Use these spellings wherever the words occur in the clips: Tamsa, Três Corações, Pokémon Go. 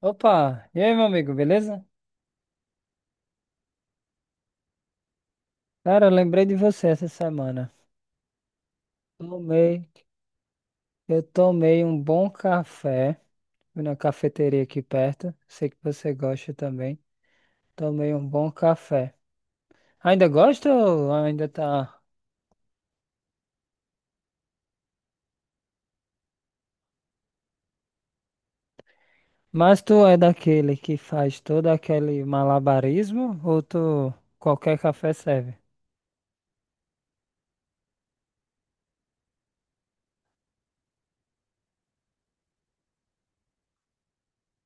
Opa, e aí, meu amigo, beleza? Cara, eu lembrei de você essa semana. Tomei, eu tomei um bom café. Fui na cafeteria aqui perto. Sei que você gosta também. Tomei um bom café. Ainda gosta ou ainda tá? Mas tu é daquele que faz todo aquele malabarismo ou tu qualquer café serve?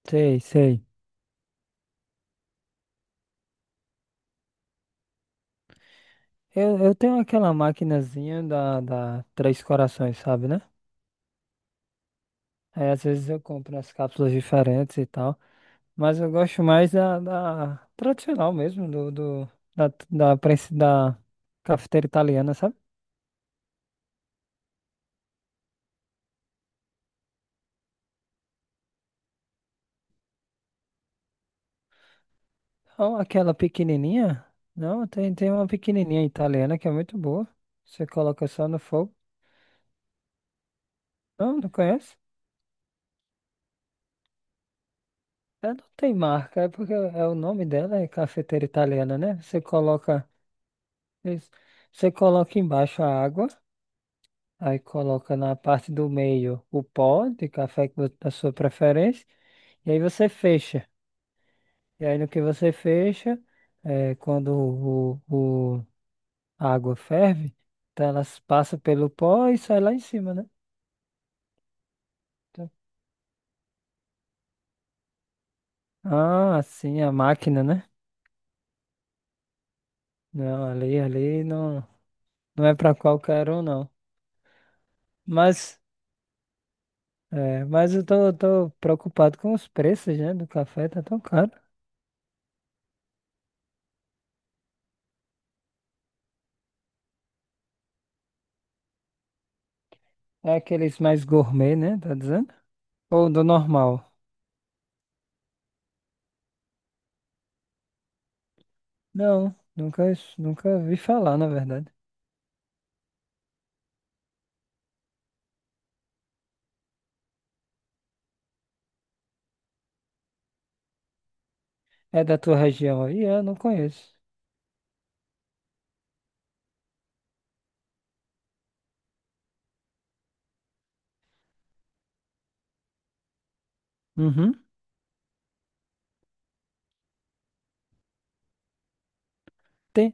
Sei, sei. Eu tenho aquela maquinazinha da Três Corações, sabe, né? Aí às vezes eu compro as cápsulas diferentes e tal. Mas eu gosto mais da tradicional mesmo, do, do, da, da, prensa- da cafeteira italiana, sabe? Não, aquela pequenininha. Não, tem uma pequenininha italiana que é muito boa. Você coloca só no fogo. Não, não conhece? Ela não tem marca, é porque é o nome dela é cafeteira italiana, né? Você coloca, isso. Você coloca embaixo a água, aí coloca na parte do meio o pó de café da sua preferência, e aí você fecha. E aí no que você fecha, é, quando o- a água ferve, então elas passam pelo pó e sai lá em cima, né? Então, ah, sim, a máquina, né? Não, ali, ali não, não é para qualquer um, não. Mas, é, mas eu tô, preocupado com os preços, né? Do café, tá tão caro. É aqueles mais gourmet, né? Tá dizendo? Ou do normal? Não, nunca vi falar, na verdade. É da tua região aí? É, eu não conheço. Uhum. Tem,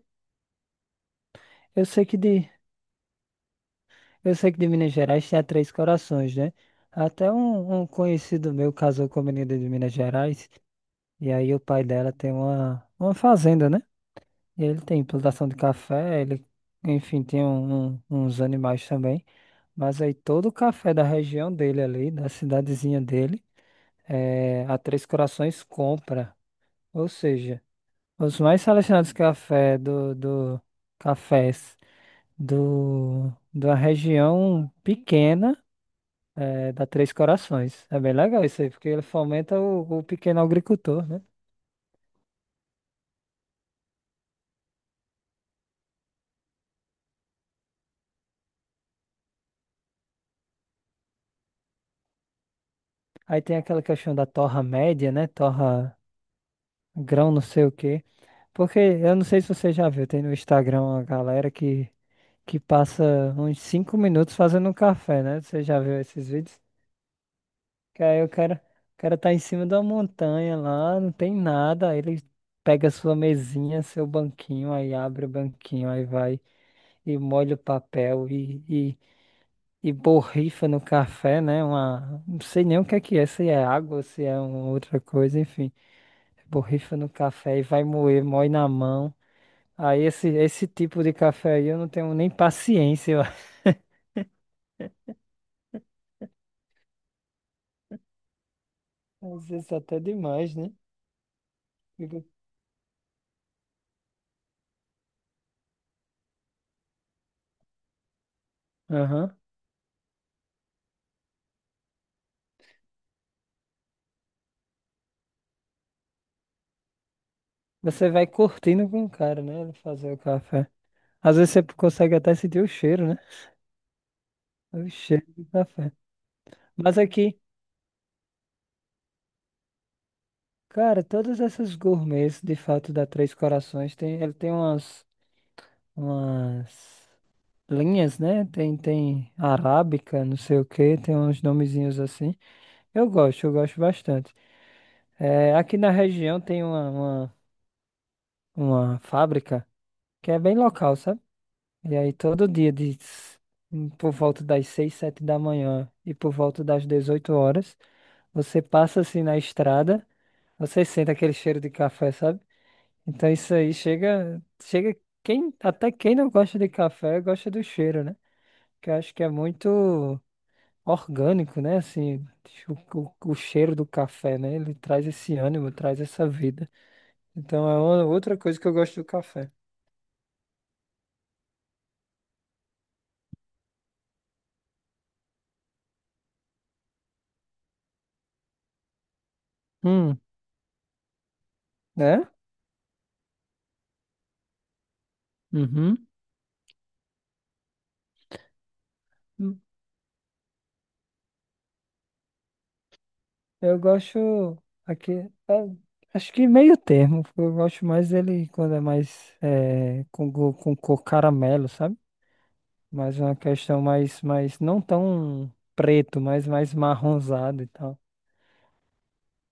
eu sei que de Eu sei que de Minas Gerais tem a Três Corações, né? Até um, um conhecido meu casou com a menina de Minas Gerais, e aí o pai dela tem uma fazenda, né? E ele tem plantação de café, ele, enfim, tem uns animais também. Mas aí todo o café da região dele ali, da cidadezinha dele, é, a Três Corações compra. Ou seja, os mais selecionados cafés da região pequena. É, da Três Corações. É bem legal isso aí, porque ele fomenta o pequeno agricultor, né? Aí tem aquela questão da torra média, né? Torra grão, não sei o quê. Porque eu não sei se você já viu, tem no Instagram uma galera que, passa uns 5 minutos fazendo um café, né? Você já viu esses vídeos? Que aí o cara tá em cima da montanha lá, não tem nada, aí ele pega sua mesinha, seu banquinho, aí abre o banquinho, aí vai e molha o papel e borrifa no café, né? Uma, não sei nem o que é, se é água, se é uma outra coisa, enfim. Borrifa no café e vai moer, moe na mão. Aí esse tipo de café aí eu não tenho nem paciência, eu acho. Às vezes até demais, né? Fica- Aham. Você vai curtindo com o cara, né? Ele fazer o café. Às vezes você consegue até sentir o cheiro, né? O cheiro do café. Mas aqui, cara, todas essas gourmets, de fato, da Três Corações, tem, ele tem umas, umas linhas, né? Tem, tem arábica, não sei o que, tem uns nomezinhos assim. Eu gosto bastante. É, aqui na região tem uma fábrica que é bem local, sabe? E aí todo dia, por volta das 6 7 da manhã e por volta das 18 horas, você passa assim na estrada, você sente aquele cheiro de café, sabe? Então isso aí chega, chega quem, até quem não gosta de café gosta do cheiro, né? Que eu acho que é muito orgânico, né? Assim, o cheiro do café, né? Ele traz esse ânimo, traz essa vida. Então é outra coisa que eu gosto do café. Hum, né? Uhum. Hum, Eu gosto aqui, é, acho que meio termo. Eu gosto mais dele quando é mais é, com cor caramelo, sabe? Mas uma questão mais não tão preto, mas mais marronzado e tal.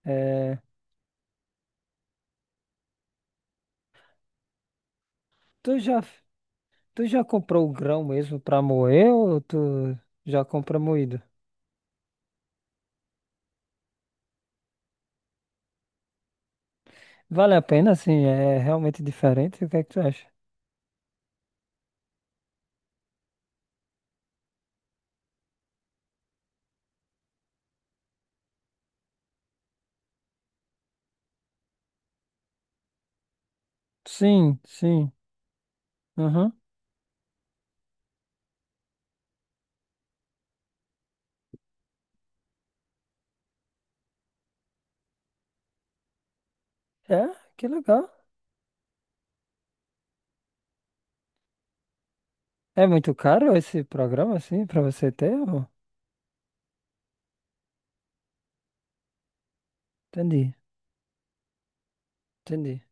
É, tu já tu já comprou o grão mesmo pra moer ou tu já compra moído? Vale a pena, assim, é realmente diferente. O que é que tu acha? Sim, sim. Aham. É, que legal. É muito caro esse programa, assim, pra você ter? Ou entendi, entendi.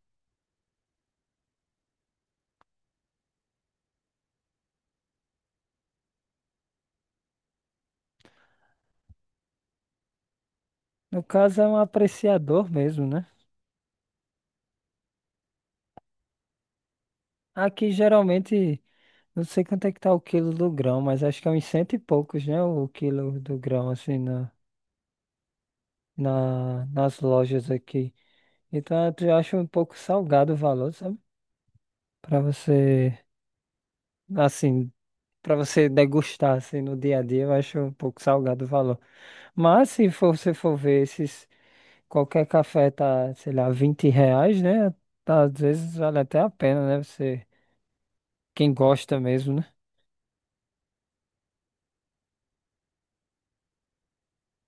No caso, é um apreciador mesmo, né? Aqui, geralmente, não sei quanto é que tá o quilo do grão, mas acho que é uns cento e poucos, né? O quilo do grão, assim, na, nas lojas aqui. Então, eu acho um pouco salgado o valor, sabe? Para você, assim, para você degustar assim no dia a dia, eu acho um pouco salgado o valor. Mas se for- você for ver esses, qualquer café tá, sei lá, R$ 20, né? Tá, às vezes vale até a pena, né? Você, quem gosta mesmo, né?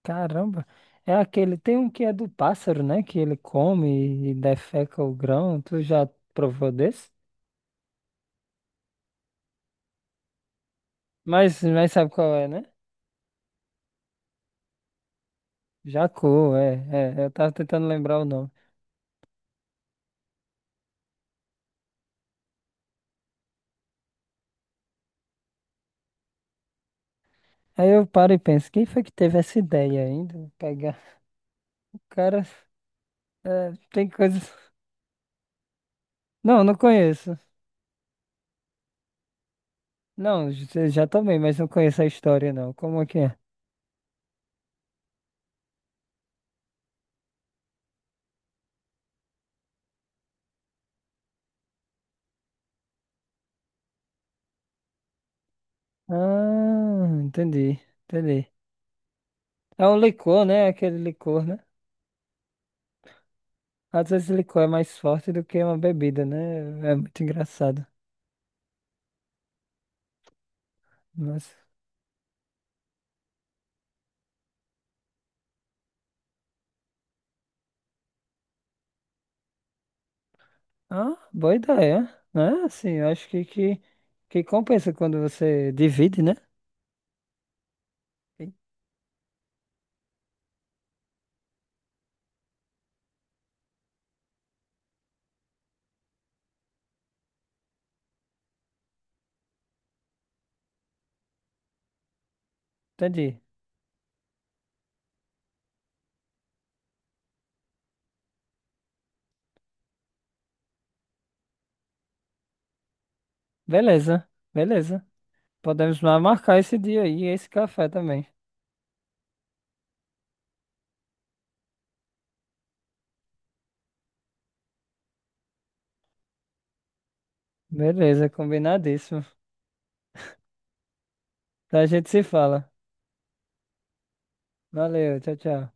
Caramba, é aquele, tem um que é do pássaro, né? Que ele come e defeca o grão. Tu já provou desse? Mas sabe qual é, né? Jacu, é, é. É. Eu tava tentando lembrar o nome. Aí eu paro e penso, quem foi que teve essa ideia ainda? Pegar. Cara, é, tem coisas. Não, não conheço. Não, já tomei, mas não conheço a história, não. Como é que é? Ah, entendi, entendi. É um licor, né? Aquele licor, né? Às vezes licor é mais forte do que uma bebida, né? É é muito engraçado. Mas. Ah, boa ideia, né? Assim, eu acho que, compensa quando você divide, né? Entendi. Beleza, beleza. Podemos marcar esse dia aí, e esse café também. Beleza, combinadíssimo. Então a gente se fala. Valeu, tchau, tchau.